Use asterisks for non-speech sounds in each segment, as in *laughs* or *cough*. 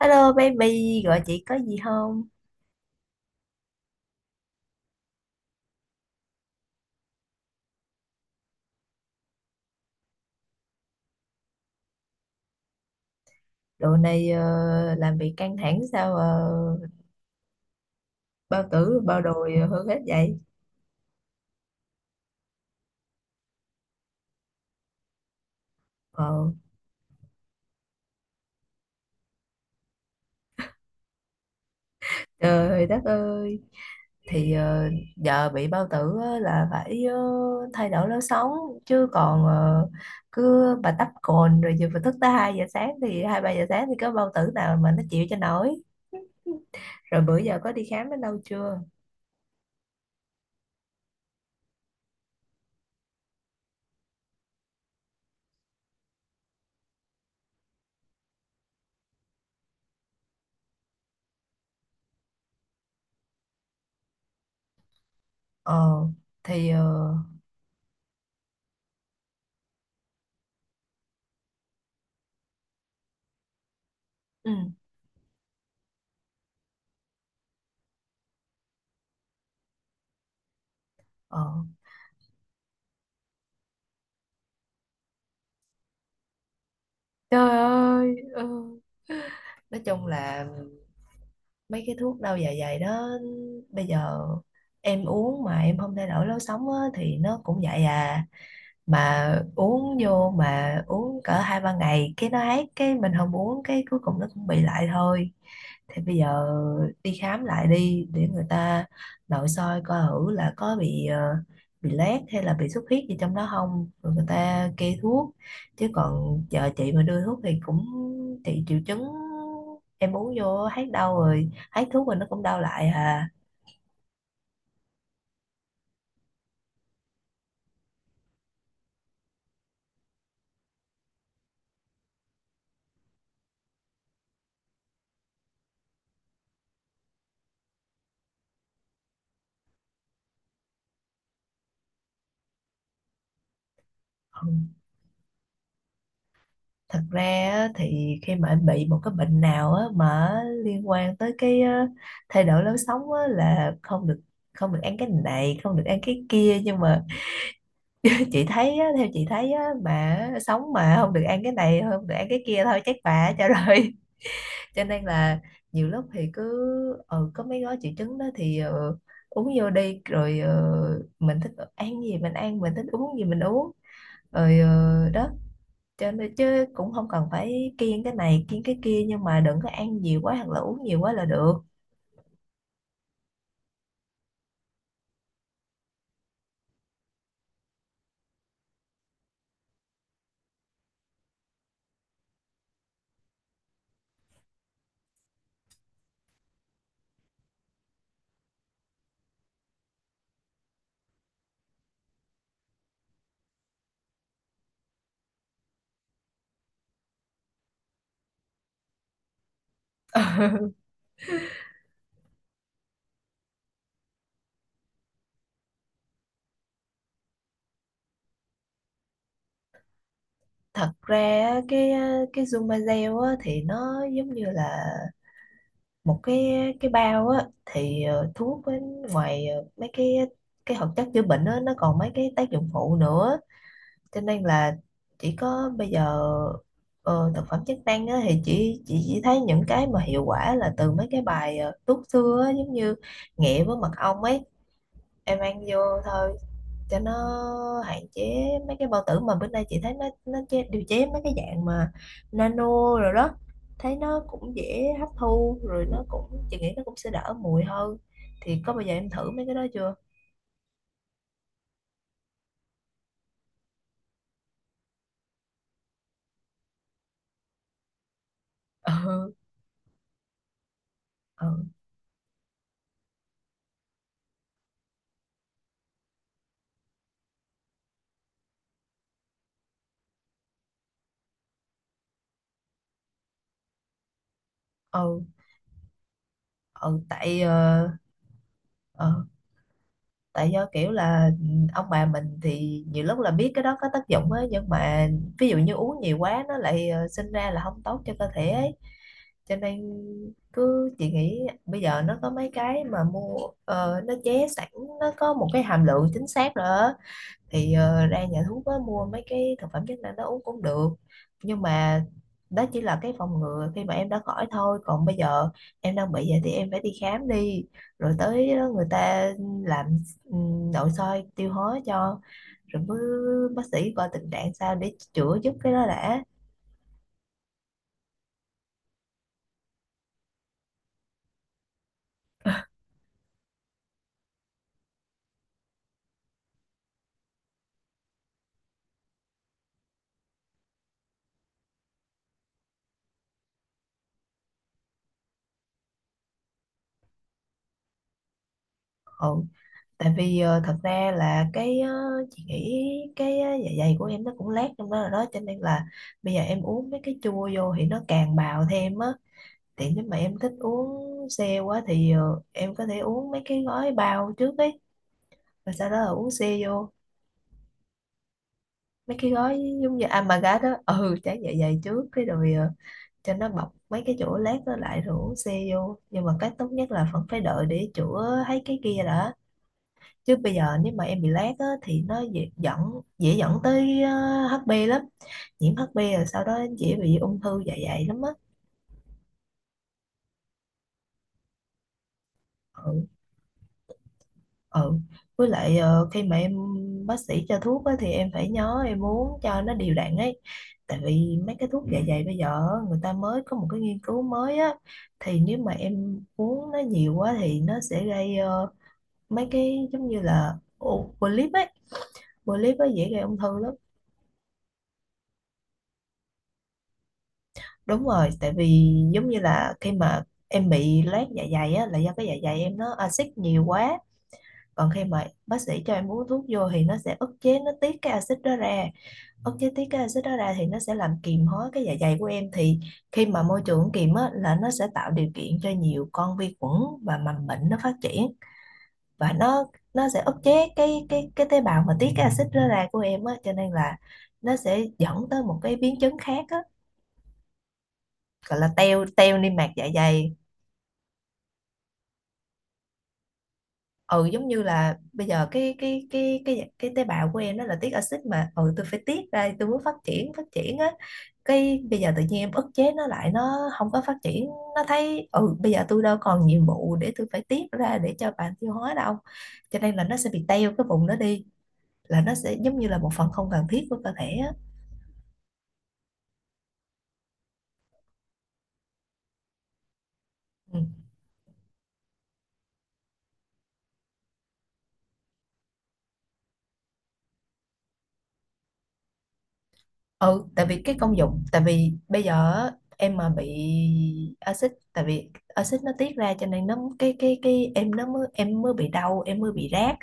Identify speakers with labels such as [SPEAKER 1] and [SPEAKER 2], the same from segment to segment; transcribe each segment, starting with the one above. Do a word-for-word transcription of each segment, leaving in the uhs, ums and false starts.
[SPEAKER 1] Hello baby, gọi chị có gì không? Đồ này ờ, làm việc căng thẳng sao ờ, bao tử bao đồi hơn hết vậy? Ờ, trời đất ơi, thì ờ, giờ bị bao tử á là phải ờ, thay đổi lối sống chứ còn ờ, cứ bà tắp cồn rồi giờ phải thức tới hai giờ sáng thì hai ba giờ sáng thì có bao tử nào mà nó chịu cho nổi. Rồi bữa giờ có đi khám đến đâu chưa? Ờ thì ờ, ừ, ờ. Trời ơi, ừ. Nói chung là mấy cái thuốc đau dạ dày đó bây giờ em uống mà em không thay đổi lối sống á, thì nó cũng vậy à, mà uống vô mà uống cỡ hai ba ngày cái nó hết, cái mình không uống cái cuối cùng nó cũng bị lại thôi. Thì bây giờ đi khám lại đi, để người ta nội soi coi thử là có bị ờ, bị loét hay là bị xuất huyết gì trong đó không, rồi người ta kê thuốc, chứ còn chờ chị mà đưa thuốc thì cũng chị triệu chứng, em uống vô hết đau rồi, hết thuốc rồi nó cũng đau lại à. Ừ, thật ra á, thì khi mà em bị một cái bệnh nào á, mà liên quan tới cái ờ, thay đổi lối sống á, là không được không được ăn cái này không được ăn cái kia, nhưng mà *laughs* chị thấy á, theo chị thấy á, mà sống mà không được ăn cái này không được ăn cái kia thôi chắc bà cho rồi. *laughs* Cho nên là nhiều lúc thì cứ ừ, có mấy gói triệu chứng đó thì ờ, uống vô đi, rồi ờ, mình thích ăn gì mình ăn, mình thích uống gì mình uống, rồi ờ, đó, cho nên chứ cũng không cần phải kiêng cái này kiêng cái kia, nhưng mà đừng có ăn nhiều quá hoặc là uống nhiều quá là được. Thật ra á, cái cái Zumazel á, thì nó giống như là một cái cái bao á, thì ờ, thuốc với ngoài ờ, mấy cái cái hoạt chất chữa bệnh á, nó còn mấy cái tác dụng phụ nữa, cho nên là chỉ có bây giờ ờ, thực phẩm chức năng á, thì chỉ, chỉ chỉ thấy những cái mà hiệu quả là từ mấy cái bài ờ, thuốc xưa á, giống như nghệ với mật ong ấy, em ăn vô thôi cho nó hạn chế mấy cái bao tử. Mà bữa nay chị thấy nó nó chế, điều chế mấy cái dạng mà nano rồi đó, thấy nó cũng dễ hấp thu, rồi nó cũng, chị nghĩ nó cũng sẽ đỡ mùi hơn. Thì có bao giờ em thử mấy cái đó chưa? *laughs* ừ ừ ừ, ừ tại ờ, ờ, tại do kiểu là ừ, ông bà mình thì nhiều lúc là biết cái đó có tác dụng á, nhưng mà ví dụ như uống nhiều quá nó lại ờ, sinh ra là không tốt cho cơ thể ấy, cho nên cứ chị nghĩ bây giờ nó có mấy cái mà mua ờ, nó chế sẵn, nó có một cái hàm lượng chính xác rồi á, thì ờ, ra nhà thuốc á, mua mấy cái thực phẩm chức năng đó uống cũng được. Nhưng mà đó chỉ là cái phòng ngừa khi mà em đã khỏi thôi, còn bây giờ em đang bị vậy thì em phải đi khám đi, rồi tới đó người ta làm ừm, nội soi tiêu hóa cho, rồi mới bác sĩ coi tình trạng sao để chữa giúp cái đó đã. Ừ. Tại vì ờ, thật ra là cái ờ, chị nghĩ cái ờ, dạ dày của em nó cũng lát trong đó rồi đó, cho nên là bây giờ em uống mấy cái chua vô thì nó càng bào thêm á. Thì nếu mà em thích uống xe quá thì ờ, em có thể uống mấy cái gói bao trước ấy, và sau đó là uống xe vô, mấy cái gói giống như Amagat đó, ừ, tráng dạ dày trước cái rồi ờ, cho nó bọc mấy cái chỗ lát đó lại, rồi uống xe vô. Nhưng mà cách tốt nhất là vẫn phải đợi để chữa thấy cái kia đã, chứ bây giờ nếu mà em bị lát á, thì nó dễ dẫn dễ dẫn tới ờ, hát bê lắm, nhiễm hát bê rồi sau đó dễ bị ung thư dạ dày lắm á. Ừ. Ừ, với lại ờ, khi mà em bác sĩ cho thuốc á, thì em phải nhớ em uống cho nó đều đặn ấy, tại vì mấy cái thuốc, ừ, dạ dày bây giờ á, người ta mới có một cái nghiên cứu mới á, thì nếu mà em uống nó nhiều quá thì nó sẽ gây ờ, mấy cái giống như là ô- polyp ấy, polyp ấy dễ gây ung thư lắm. Đúng rồi, tại vì giống như là khi mà em bị loét dạ dày á là do cái dạ dày em nó axit nhiều quá, còn khi mà bác sĩ cho em uống thuốc vô thì nó sẽ ức chế nó tiết cái axit đó ra. Ok, tí cái axit đó ra thì nó sẽ làm kiềm hóa cái dạ dày của em, thì khi mà môi trường kiềm á là nó sẽ tạo điều kiện cho nhiều con vi khuẩn và mầm bệnh nó phát triển, và nó nó sẽ ức chế cái cái cái tế bào mà tiết cái axit đó ra của em á, cho nên là nó sẽ dẫn tới một cái biến chứng khác á, gọi là teo teo niêm mạc dạ dày. Ừ, giống như là bây giờ cái cái cái cái cái tế bào của em nó là tiết axit, mà ừ, tôi phải tiết ra, tôi muốn phát triển phát triển á, cái bây giờ tự nhiên em ức chế nó lại, nó không có phát triển, nó thấy ừ bây giờ tôi đâu còn nhiệm vụ để tôi phải tiết ra để cho bạn tiêu hóa đâu, cho nên là nó sẽ bị teo cái vùng đó đi, là nó sẽ giống như là một phần không cần thiết của cơ thể á. Ừ. Ừ, tại vì cái công dụng, tại vì bây giờ em mà bị axit, tại vì axit nó tiết ra cho nên nó cái cái cái em nó mới, em mới bị đau, em mới bị rát,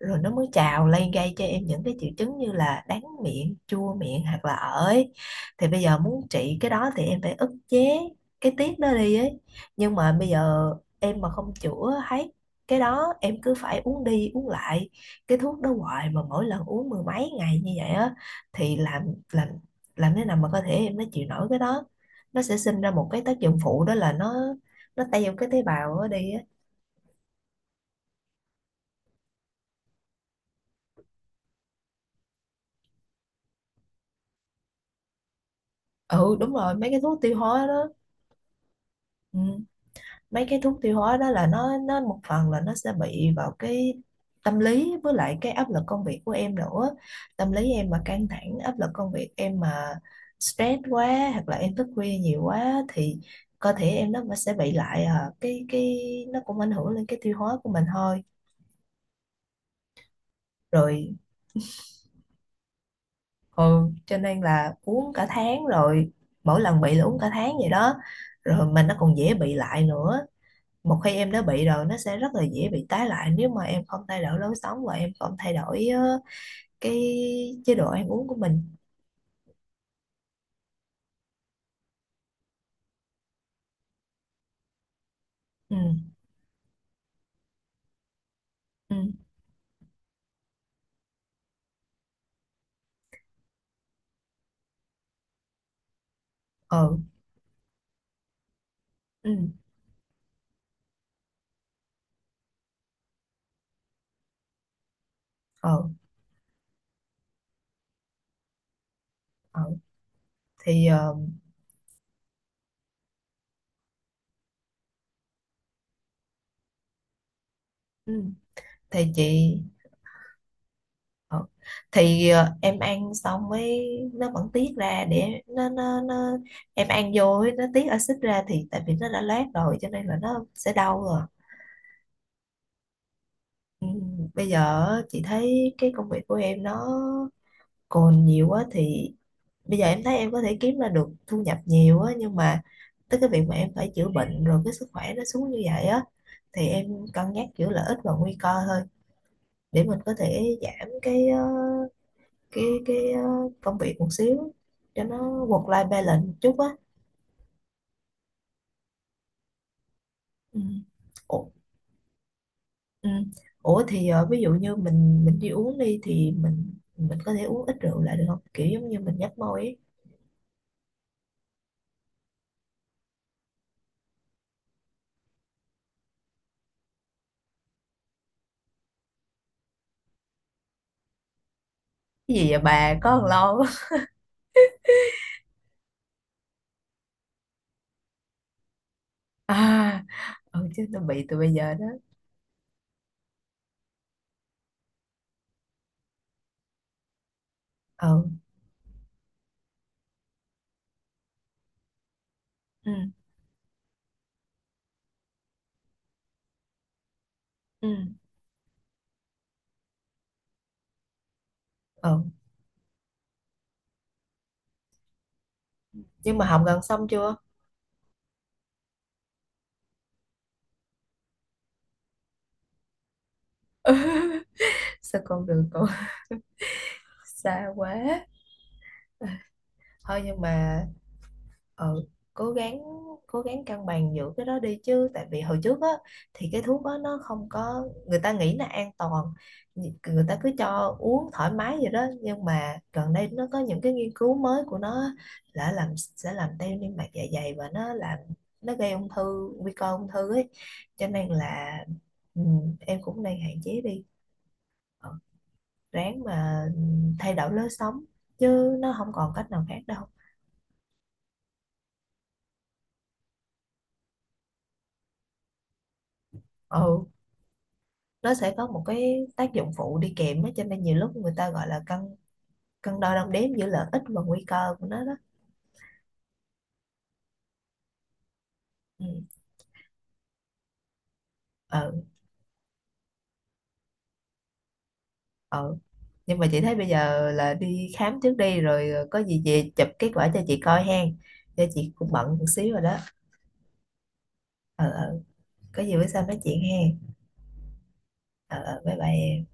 [SPEAKER 1] rồi nó mới trào lên gây cho em những cái triệu chứng như là đắng miệng chua miệng hoặc là ởi. Thì bây giờ muốn trị cái đó thì em phải ức chế cái tiết đó đi ấy. Nhưng mà bây giờ em mà không chữa hết cái đó, em cứ phải uống đi uống lại cái thuốc đó hoài, mà mỗi lần uống mười mấy ngày như vậy á, thì làm làm làm thế nào mà cơ thể em nó chịu nổi cái đó, nó sẽ sinh ra một cái tác dụng phụ, đó là nó nó teo cái tế bào đó đi á. Ừ, đúng rồi, mấy cái thuốc tiêu hóa đó. Ừ. Mấy cái thuốc tiêu hóa đó là nó nó một phần là nó sẽ bị vào cái tâm lý với lại cái áp lực công việc của em nữa. Tâm lý em mà căng thẳng, áp lực công việc em mà stress quá, hoặc là em thức khuya nhiều quá, thì cơ thể em nó sẽ bị lại à, cái cái nó cũng ảnh hưởng lên cái tiêu hóa của mình thôi. Rồi. Ừ, cho nên là uống cả tháng rồi, mỗi lần bị là uống cả tháng vậy đó, rồi mà nó còn dễ bị lại nữa. Một khi em đã bị rồi nó sẽ rất là dễ bị tái lại nếu mà em không thay đổi lối sống và em không thay đổi ờ, cái chế độ ăn uống của mình. Ừ ừ ừ ừ ừ, ừ. Thì ờ, ừ. thì chị, ờ, thì ờ, em ăn xong mới nó vẫn tiết ra để nó nó nó em ăn vô ấy, nó tiết axit ra thì tại vì nó đã loét rồi cho nên là nó sẽ đau rồi. Ừ, bây giờ á, chị thấy cái công việc của em nó còn nhiều quá, thì bây giờ em thấy em có thể kiếm ra được thu nhập nhiều á, nhưng mà tới cái việc mà em phải chữa bệnh rồi cái sức khỏe nó xuống như vậy á, thì em cân nhắc giữa lợi ích và nguy cơ thôi, để mình có thể giảm cái ờ, cái cái ờ, công việc một xíu, cho nó work life balance một chút á. Ừ. Ủa, ừ. Ủa thì ờ, ví dụ như mình mình đi uống đi thì mình mình có thể uống ít rượu lại được không, kiểu giống như mình nhấp môi ấy. Cái gì vậy bà, có thằng lo quá. *laughs* À, ừ, chứ tôi bị từ bây giờ đó. ừ ừ ừ ừ nhưng mà học gần xong chưa? *laughs* Sao con đường còn *laughs* xa quá. Thôi nhưng mà ừ, cố gắng, cố gắng cân bằng giữa cái đó đi, chứ tại vì hồi trước á thì cái thuốc đó nó không có, người ta nghĩ là an toàn, Nhi- người ta cứ cho uống thoải mái vậy đó, nhưng mà gần đây nó có những cái nghiên cứu mới của nó á, là làm, sẽ làm teo niêm mạc dạ dày và nó làm, nó gây ung thư, nguy cơ ung thư ấy, cho nên là ừ, em cũng đang hạn chế đi. Ừ, ráng mà thay đổi lối sống chứ nó không còn cách nào khác đâu. Ừ, nó sẽ có một cái tác dụng phụ đi kèm á, cho nên nhiều lúc người ta gọi là cân cân đo đong đếm giữa lợi ích và nguy cơ của nó đó. Ừ. Ờ, ờ, nhưng mà chị thấy bây giờ là đi khám trước đi, rồi có gì về chụp kết quả cho chị coi hen, cho chị cũng bận một xíu rồi đó. Ờ, ờ, có gì bữa sau nói chuyện hen. Ờ ờ, bye bye em.